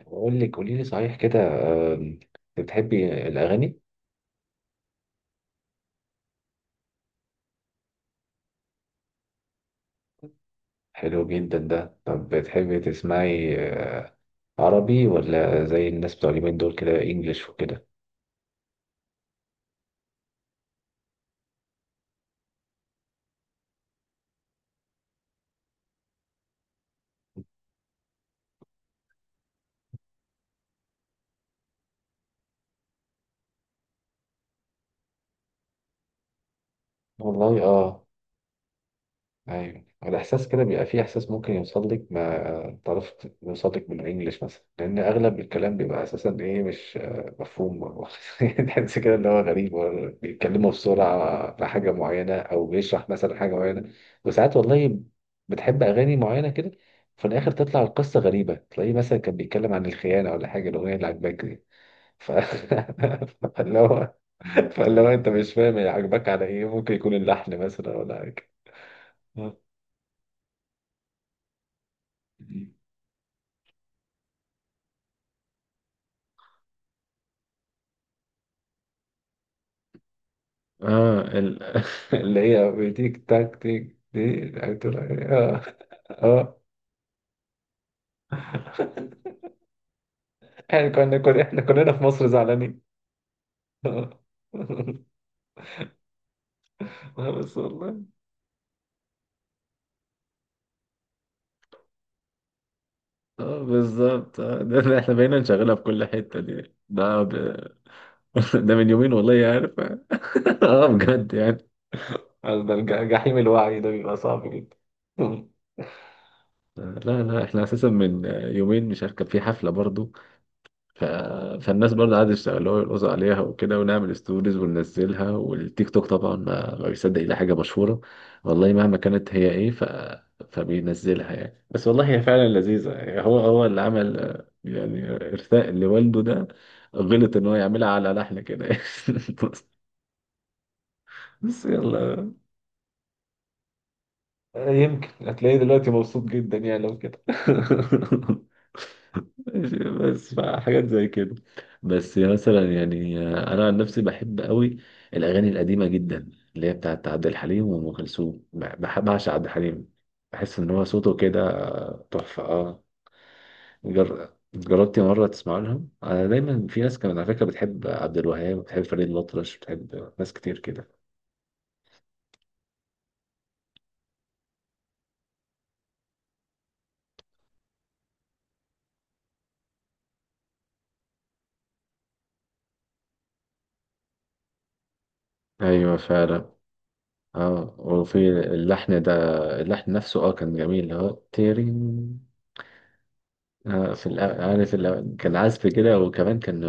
بقول لك قولي لي صحيح كده. آم، بتحبي الأغاني؟ حلو جدا ده. طب بتحبي تسمعي عربي ولا زي الناس بتوع اليومين دول كده انجلش وكده؟ والله اه. ايوه الاحساس كده بيبقى فيه احساس ممكن يوصل لك ما تعرف يوصل لك بالانجلش مثلا لان اغلب الكلام بيبقى اساسا ايه مش مفهوم يعني تحس كده ان هو غريب. هو بيتكلموا بسرعه في حاجه معينه او بيشرح مثلا حاجه معينه وساعات والله بتحب اغاني معينه كده في الاخر تطلع القصه غريبه تلاقيه مثلا كان بيتكلم عن الخيانه ولا حاجه الاغنيه اللي عجباك دي. ف... فاللي هو فاللي هو انت مش فاهم هي عجباك على ايه، ممكن يكون اللحن مثلا ولا حاجه. اه ال... اللي هي بتيك تاك تيك دي بتقول إيه؟ اه. اه احنا كنا احنا كلنا في مصر زعلانين. اه بس والله. اه بالظبط. ده احنا بقينا نشغلها في كل حتة. ده من يومين والله عارف. اه بجد يعني. ده جحيم الوعي ده بيبقى صعب جدا. لا لا، احنا اساسا من يومين، مش عارف، كان في حفلة برضو. ف... فالناس برضه قعدوا يشتغلوها ويرقصوا عليها وكده، ونعمل ستوريز وننزلها. والتيك توك طبعا ما بيصدق إلا حاجة مشهورة والله مهما كانت هي إيه. فبينزلها يعني. بس والله هي فعلا لذيذة يعني. هو اللي عمل يعني إرثاء لوالده، ده غلط إن هو يعملها على لحن كده. بس، بس يلا. يمكن هتلاقيه دلوقتي مبسوط جدا يعني لو كده. ماشي، بس حاجات زي كده. بس مثلا يعني انا عن نفسي بحب قوي الاغاني القديمه جدا، اللي هي بتاعت عبد الحليم وام كلثوم. بحب بعشق عبد الحليم. بحس ان هو صوته كده تحفه، اه. جربتي مره تسمع لهم؟ انا دايما في ناس كمان على فكره بتحب عبد الوهاب، بتحب فريد الأطرش، بتحب ناس كتير كده. ايوه فعلا. اه وفي اللحن ده، اللحن نفسه اه كان جميل، اللي هو تيرين. في عارف كان عزف كده وكمان كان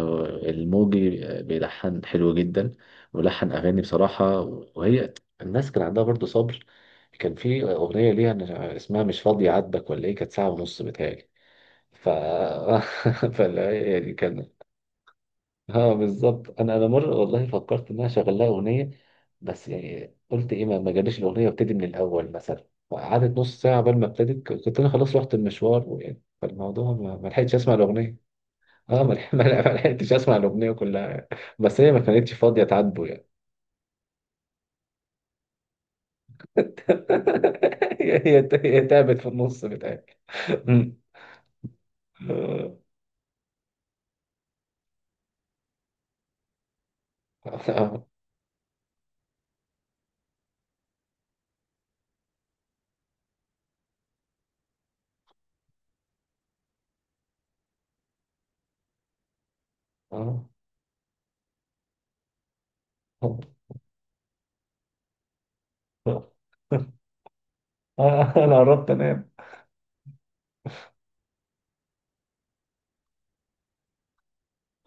الموجي بيلحن حلو جدا ولحن أغاني بصراحة. وهي الناس كان عندها برضه صبر. كان في أغنية اسمها مش فاضية عاتبك ولا إيه، كانت ساعة ونص بتهيألي. ف فلا يعني كان. اه بالظبط. أنا مرة والله فكرت إن أنا أشغل لها أغنية، بس يعني قلت إيه، ما جاليش الأغنية، وابتدي من الأول مثلا قعدت نص ساعة قبل ما ابتدت. كنت أنا خلاص رحت المشوار ويعني فالموضوع ما لحقتش أسمع الأغنية. اه ما لح- ما لحقتش اسمع الاغنيه كلها، بس هي ما كانتش فاضيه تعاتبه يعني. هي تعبت في النص بتاعي. أمم. آه. آه آه. آه. انا قربت انام.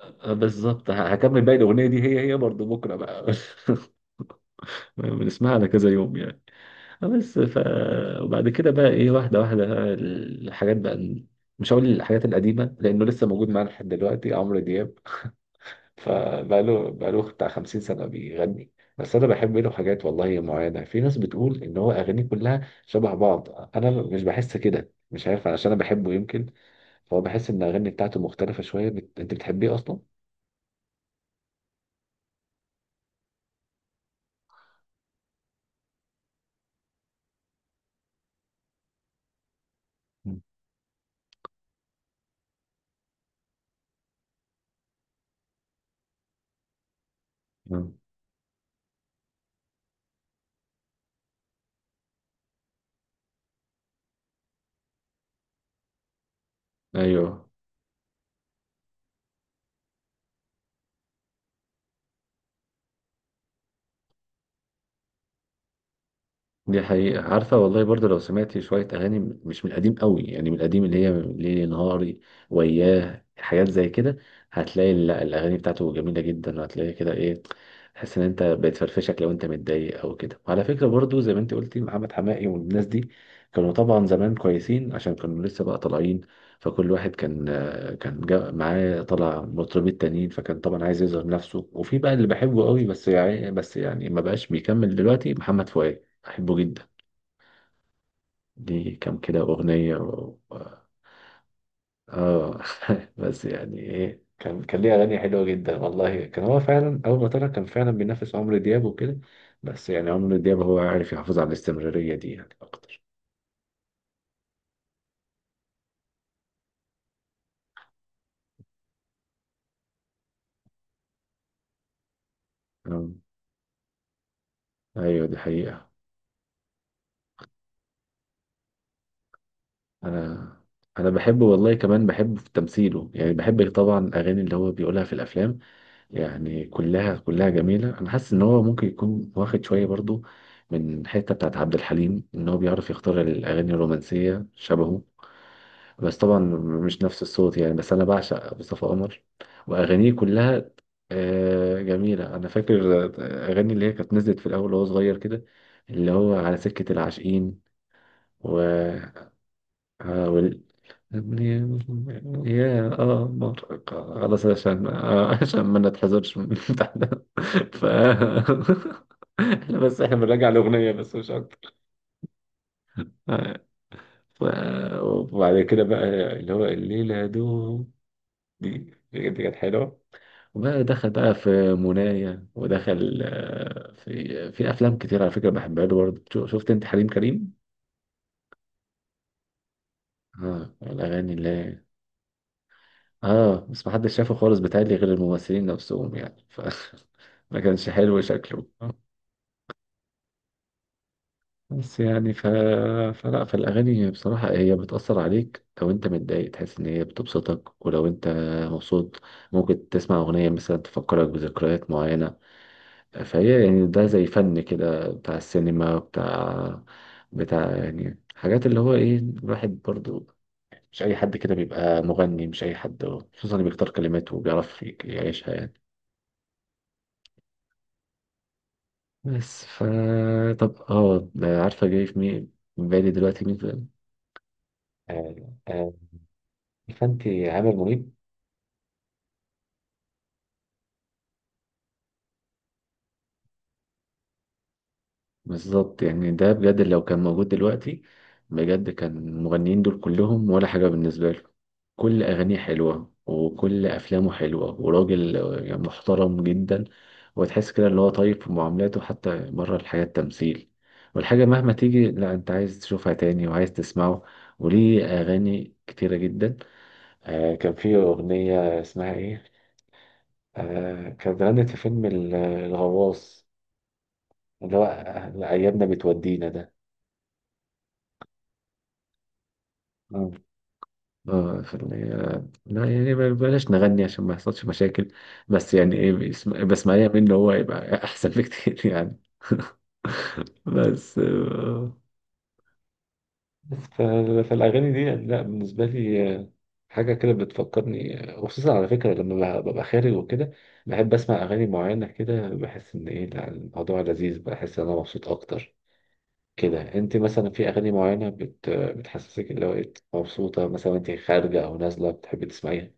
بالظبط، هكمل باقي الاغنيه دي هي. هي برضه بكره بقى. بنسمعها على كذا يوم يعني. بس ف، وبعد كده بقى ايه، واحده واحده بقى الحاجات بقى. مش هقول الحاجات القديمه لانه لسه موجود معانا لحد دلوقتي عمرو دياب. فبقاله بتاع 50 سنة بيغني. بس أنا بحب له حاجات والله معينة. في ناس بتقول إن هو أغانيه كلها شبه بعض، أنا مش بحس كده، مش عارف علشان أنا بحبه يمكن، فهو بحس إن الأغاني بتاعته مختلفة شوية. أنت بتحبيه أصلا؟ مم. ايوه دي حقيقة. عارفة والله برضه لو سمعتي شوية أغاني، مش من القديم قوي، يعني من القديم اللي هي ليلي نهاري وياه، حاجات زي كده، هتلاقي الأغاني بتاعته جميلة جدا، وهتلاقي كده إيه، تحس إن أنت بتفرفشك لو أنت متضايق أو كده. وعلى فكرة برضه، زي ما أنت قلتي، محمد حماقي والناس دي كانوا طبعا زمان كويسين عشان كانوا لسه بقى طالعين، فكل واحد كان جا معاه طلع مطربين تانيين، فكان طبعا عايز يظهر نفسه. وفي بقى اللي بحبه قوي، بس يعني بس يعني ما بقاش بيكمل دلوقتي، محمد فؤاد بحبه جدا، ليه كام كده أغنية و... آه بس يعني إيه، كان ليه أغاني حلوة جدا والله. كان هو فعلا أول ما طلع كان فعلا بينافس عمرو دياب وكده، بس يعني عمرو دياب هو عارف يحافظ على الاستمرارية دي يعني أكتر. آم، أيوة دي حقيقة. أنا أنا بحبه والله، كمان بحبه في تمثيله يعني. بحب طبعا الأغاني اللي هو بيقولها في الأفلام، يعني كلها كلها جميلة. أنا حاسس إن هو ممكن يكون واخد شوية برضو من الحتة بتاعت عبد الحليم، إن هو بيعرف يختار الأغاني الرومانسية شبهه. بس طبعا مش نفس الصوت يعني. بس أنا بعشق مصطفى قمر وأغانيه كلها جميلة. أنا فاكر أغاني اللي هي كانت نزلت في الأول وهو صغير كده، اللي هو على سكة العاشقين و... ابني يا اه مرهق. خلاص عشان عشان ما نتحذرش من الامتحان ف احنا بس، احنا بنراجع الاغنيه بس مش اكتر. آه. ف... وبعد كده بقى، اللي هو الليله دوم، دي دي كانت حلوه. وبقى دخل بقى في منايا، ودخل في في افلام كتير على فكره بحبها له برضه. شفت انت حليم كريم؟ اه الاغاني اللي هي اه، بس محدش شافه خالص بتهيألي غير الممثلين نفسهم يعني. ف ما كانش حلو شكله. بس يعني فلا، فالأغاني بصراحة هي بتأثر عليك، لو أنت متضايق تحس إن هي بتبسطك، ولو أنت مبسوط ممكن تسمع أغنية مثلا تفكرك بذكريات معينة. فهي يعني ده زي فن كده بتاع السينما، بتاع يعني حاجات اللي هو إيه. الواحد برضو مش أي حد كده بيبقى مغني، مش أي حد، خصوصا اللي بيختار كلماته وبيعرف يعيشها يعني. بس ف، طب اه، عارفة جاي في مين في بالي دلوقتي؟ مين في- آه، آه، فانتي عامر منيب. بالظبط يعني ده بجد لو كان موجود دلوقتي بجد كان المغنيين دول كلهم ولا حاجة بالنسبة له. كل أغانيه حلوة وكل أفلامه حلوة وراجل يعني محترم جدا، وتحس كده اللي هو طيب في معاملاته حتى بره الحياة التمثيل، والحاجة مهما تيجي لا، أنت عايز تشوفها تاني وعايز تسمعه. وليه أغاني كتيرة جدا. آه كان في أغنية اسمها إيه؟ آه كانت غنت في فيلم الغواص، اللي هو أيامنا بتودينا ده. اه اه في لا يعني بلاش نغني عشان ما يحصلش مشاكل، بس يعني ايه، بسمعيها منه هو يبقى احسن بكتير يعني. بس آه. ف، فالأغاني دي لا بالنسبة لي حاجة كده بتفكرني وخصوصا على فكرة لما ببقى خارج وكده بحب أسمع أغاني معينة كده، بحس إن إيه لا، الموضوع لذيذ، بحس إن أنا مبسوط أكتر كده. أنت مثلا في أغاني معينة بتحسسك اللي هو إيه مبسوطة، مثلا أنت خارجة أو نازلة بتحبي تسمعيها؟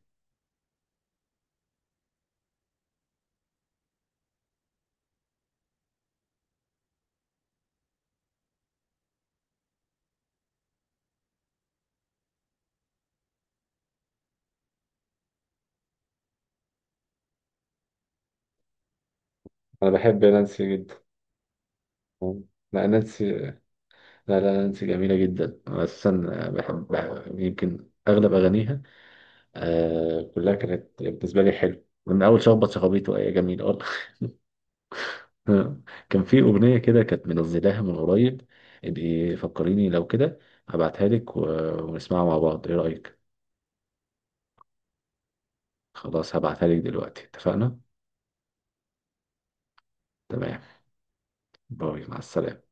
أنا بحب نانسي جدا. لا نانسي، لا نانسي جميلة جدا. أنا أساسا بحب يمكن أغلب أغانيها، آه كلها كانت بالنسبة لي حلوة من أول شخبط شخابيطه، آه جميل أه. كان في أغنية كده كانت منزلاها من قريب، ابقي فكريني لو كده هبعتها لك ونسمعها مع بعض، إيه رأيك؟ خلاص هبعتها لك دلوقتي، اتفقنا؟ تمام. باي مع السلامة.